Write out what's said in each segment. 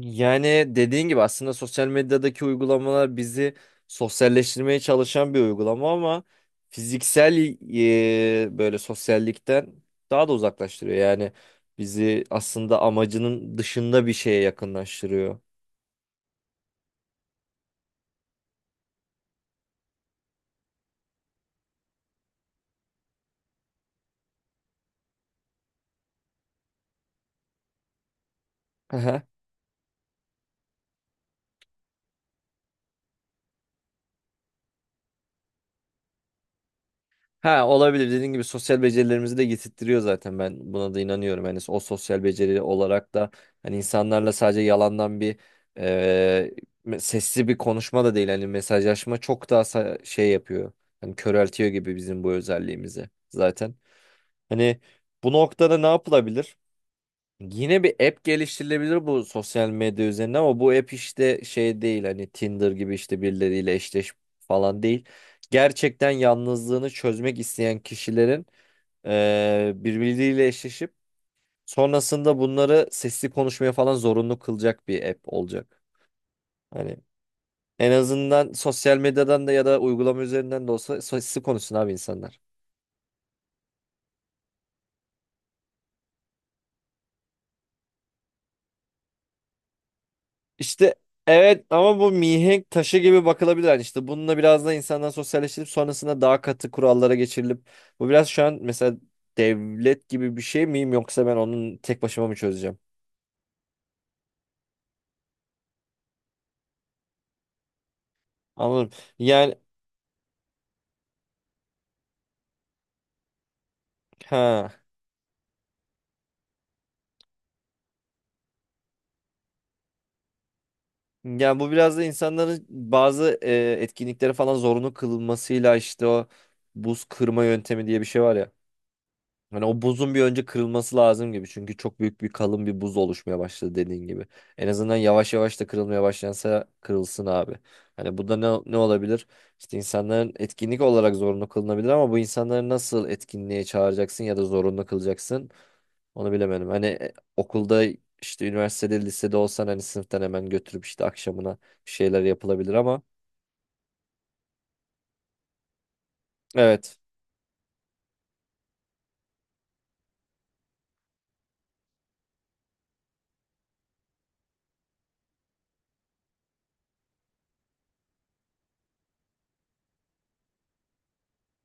Yani dediğin gibi aslında sosyal medyadaki uygulamalar bizi sosyalleştirmeye çalışan bir uygulama ama fiziksel böyle sosyallikten daha da uzaklaştırıyor. Yani bizi aslında amacının dışında bir şeye yakınlaştırıyor. Ha olabilir. Dediğin gibi sosyal becerilerimizi de getirttiriyor zaten. Ben buna da inanıyorum. Yani o sosyal beceri olarak da hani insanlarla sadece yalandan bir e, sesli bir konuşma da değil. Hani mesajlaşma çok daha şey yapıyor. Hani köreltiyor gibi bizim bu özelliğimizi zaten. Hani bu noktada ne yapılabilir? Yine bir app geliştirilebilir bu sosyal medya üzerine ama bu app işte şey değil, hani Tinder gibi işte birileriyle eşleş falan değil. Gerçekten yalnızlığını çözmek isteyen kişilerin birbirleriyle eşleşip sonrasında bunları sesli konuşmaya falan zorunlu kılacak bir app olacak. Hani en azından sosyal medyadan da ya da uygulama üzerinden de olsa sesli konuşsun abi insanlar. İşte evet, ama bu mihenk taşı gibi bakılabilir. Yani işte bununla biraz da insandan sosyalleştirip sonrasında daha katı kurallara geçirilip, bu biraz şu an mesela devlet gibi bir şey miyim yoksa ben onun tek başıma mı çözeceğim? Anladım. Yani ha. Yani bu biraz da insanların bazı etkinlikleri falan zorunlu kılmasıyla işte o buz kırma yöntemi diye bir şey var ya. Hani o buzun bir önce kırılması lazım gibi. Çünkü çok büyük bir kalın bir buz oluşmaya başladı dediğin gibi. En azından yavaş yavaş da kırılmaya başlansa kırılsın abi. Hani bu da ne olabilir? İşte insanların etkinlik olarak zorunlu kılınabilir ama bu insanları nasıl etkinliğe çağıracaksın ya da zorunlu kılacaksın, onu bilemedim. Hani okulda işte üniversitede lisede olsan hani sınıftan hemen götürüp işte akşamına bir şeyler yapılabilir ama evet.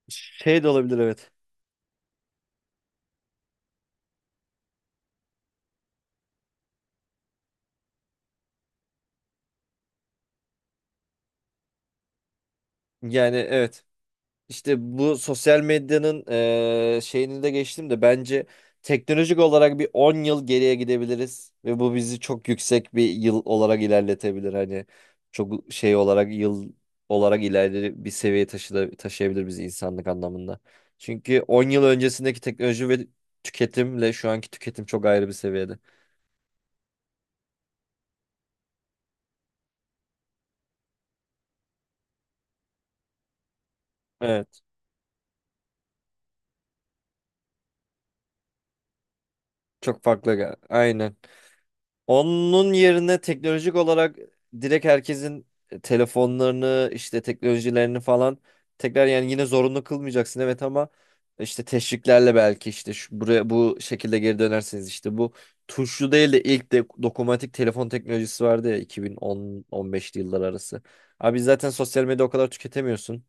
Şey de olabilir, evet. Yani evet. İşte bu sosyal medyanın şeyini de geçtim de bence teknolojik olarak bir 10 yıl geriye gidebiliriz ve bu bizi çok yüksek bir yıl olarak ilerletebilir. Hani çok şey olarak yıl olarak ileri bir seviyeye taşıyabilir bizi insanlık anlamında. Çünkü 10 yıl öncesindeki teknoloji ve tüketimle şu anki tüketim çok ayrı bir seviyede. Evet, çok farklı. Aynen. Onun yerine teknolojik olarak direkt herkesin telefonlarını işte teknolojilerini falan tekrar, yani yine zorunlu kılmayacaksın evet, ama işte teşviklerle belki işte şu, buraya bu şekilde geri dönersiniz işte. Bu tuşlu değil de ilk de dokunmatik telefon teknolojisi vardı ya, 2010-15'li yıllar arası. Abi zaten sosyal medya o kadar tüketemiyorsun.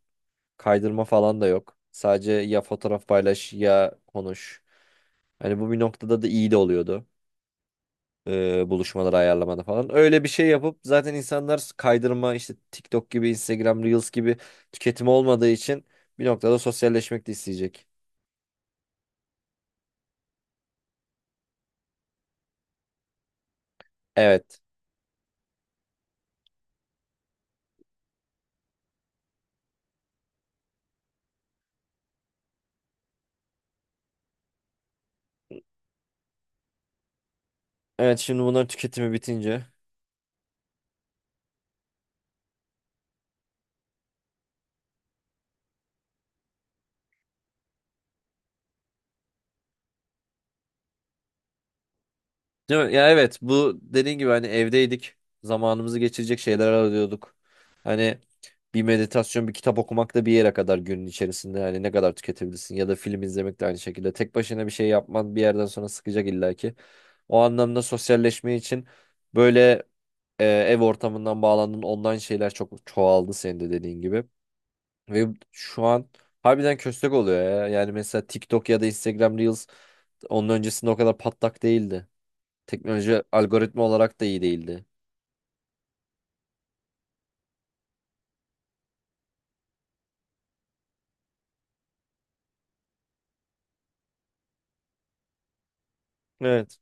Kaydırma falan da yok. Sadece ya fotoğraf paylaş ya konuş. Hani bu bir noktada da iyi de oluyordu buluşmaları ayarlamada falan. Öyle bir şey yapıp zaten insanlar kaydırma işte TikTok gibi Instagram Reels gibi tüketimi olmadığı için bir noktada sosyalleşmek de isteyecek. Evet. Evet, şimdi bunların tüketimi bitince. Değil mi? Ya evet, bu dediğin gibi hani evdeydik. Zamanımızı geçirecek şeyler arıyorduk. Hani bir meditasyon, bir kitap okumak da bir yere kadar günün içerisinde. Hani ne kadar tüketebilirsin ya da film izlemek de aynı şekilde. Tek başına bir şey yapman bir yerden sonra sıkacak illaki. O anlamda sosyalleşme için böyle ev ortamından bağlandın. Ondan şeyler çok çoğaldı senin de dediğin gibi. Ve şu an harbiden köstek oluyor ya. Yani mesela TikTok ya da Instagram Reels onun öncesinde o kadar patlak değildi. Teknoloji algoritma olarak da iyi değildi. Evet.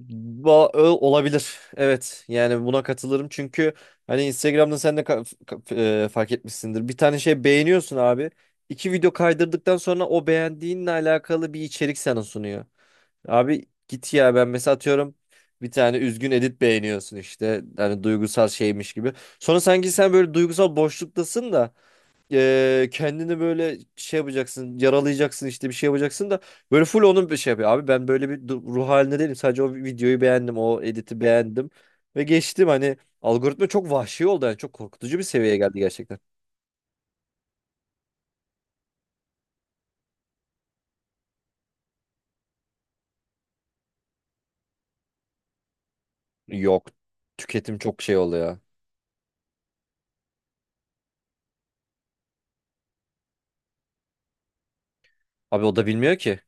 Olabilir. Evet. Yani buna katılırım. Çünkü hani Instagram'da sen de fark etmişsindir. Bir tane şey beğeniyorsun abi. İki video kaydırdıktan sonra o beğendiğinle alakalı bir içerik sana sunuyor. Abi git ya, ben mesela atıyorum bir tane üzgün edit beğeniyorsun işte hani duygusal şeymiş gibi. Sonra sanki sen böyle duygusal boşluktasın da kendini böyle şey yapacaksın, yaralayacaksın, işte bir şey yapacaksın da böyle full onun bir şey yapıyor. Abi ben böyle bir ruh halinde değilim, sadece o videoyu beğendim, o editi beğendim ve geçtim. Hani algoritma çok vahşi oldu, yani çok korkutucu bir seviyeye geldi gerçekten. Yok, tüketim çok şey oldu ya, abi o da bilmiyor ki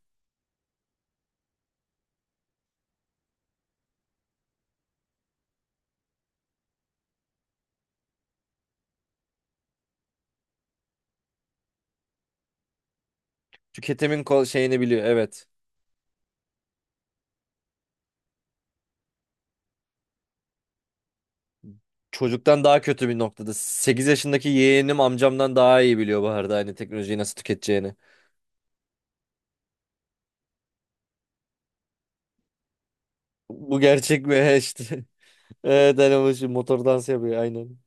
tüketimin şeyini biliyor, evet. Çocuktan daha kötü bir noktada. 8 yaşındaki yeğenim amcamdan daha iyi biliyor bu arada hani teknolojiyi nasıl tüketeceğini. Bu gerçek mi? İşte. Evet, hani bu şu motor dans yapıyor aynen.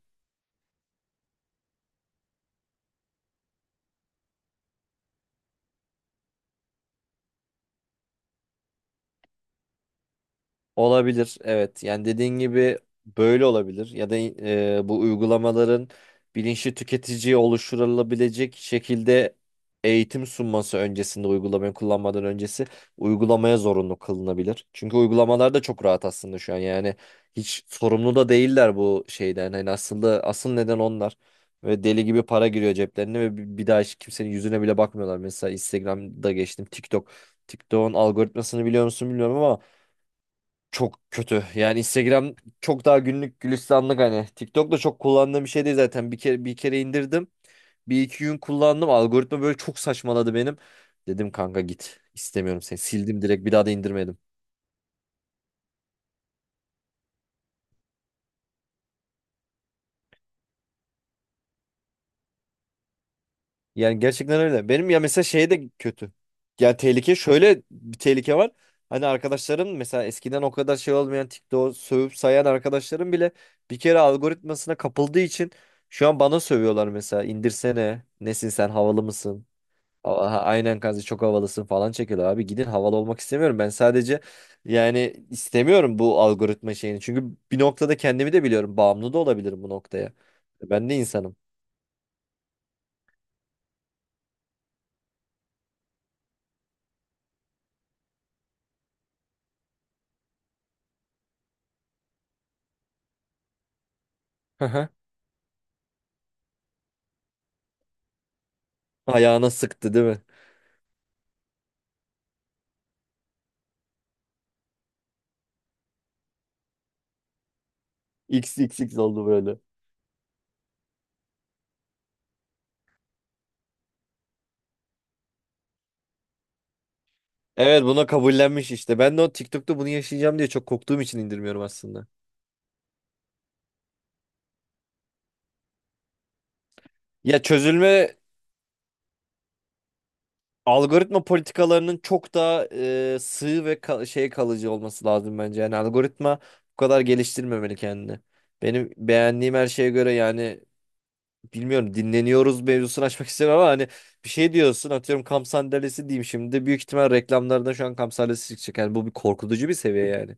Olabilir, evet. Yani dediğin gibi böyle olabilir ya da bu uygulamaların bilinçli tüketiciye oluşturulabilecek şekilde eğitim sunması, öncesinde uygulamayı kullanmadan öncesi uygulamaya zorunlu kılınabilir. Çünkü uygulamalar da çok rahat aslında şu an, yani hiç sorumlu da değiller bu şeyden. Hani aslında asıl neden onlar ve deli gibi para giriyor ceplerine ve bir daha hiç kimsenin yüzüne bile bakmıyorlar. Mesela Instagram'da geçtim, TikTok. TikTok'un algoritmasını biliyor musun bilmiyorum ama çok kötü. Yani Instagram çok daha günlük gülistanlık hani. TikTok da çok kullandığım bir şey değil zaten. Bir kere indirdim. Bir iki gün kullandım. Algoritma böyle çok saçmaladı benim. Dedim kanka git. İstemiyorum seni. Sildim, direkt bir daha da indirmedim. Yani gerçekten öyle. Benim ya mesela şey de kötü. Yani tehlike, şöyle bir tehlike var. Hani arkadaşlarım mesela eskiden o kadar şey olmayan TikTok'u sövüp sayan arkadaşlarım bile bir kere algoritmasına kapıldığı için şu an bana sövüyorlar mesela. İndirsene. Nesin sen, havalı mısın? Aha, aynen kanka çok havalısın falan çekiyorlar abi. Gidin, havalı olmak istemiyorum. Ben sadece, yani istemiyorum bu algoritma şeyini. Çünkü bir noktada kendimi de biliyorum. Bağımlı da olabilirim bu noktaya. Ben de insanım. Aha. Ayağına sıktı değil mi? X X X oldu böyle. Evet, buna kabullenmiş işte. Ben de o TikTok'ta bunu yaşayacağım diye çok korktuğum için indirmiyorum aslında. Ya çözülme, algoritma politikalarının çok daha sığ ve şey, kalıcı olması lazım bence. Yani algoritma bu kadar geliştirmemeli kendini. Benim beğendiğim her şeye göre yani, bilmiyorum, dinleniyoruz mevzusunu açmak istemem ama hani bir şey diyorsun, atıyorum kamp sandalyesi diyeyim şimdi, büyük ihtimal reklamlarda şu an kamp sandalyesi çıkacak. Yani bu bir korkutucu bir seviye yani.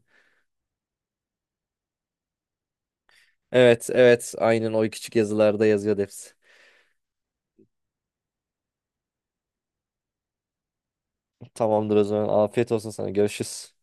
Evet, evet aynen, o küçük yazılarda yazıyordu hepsi. Tamamdır, o zaman afiyet olsun sana, görüşürüz.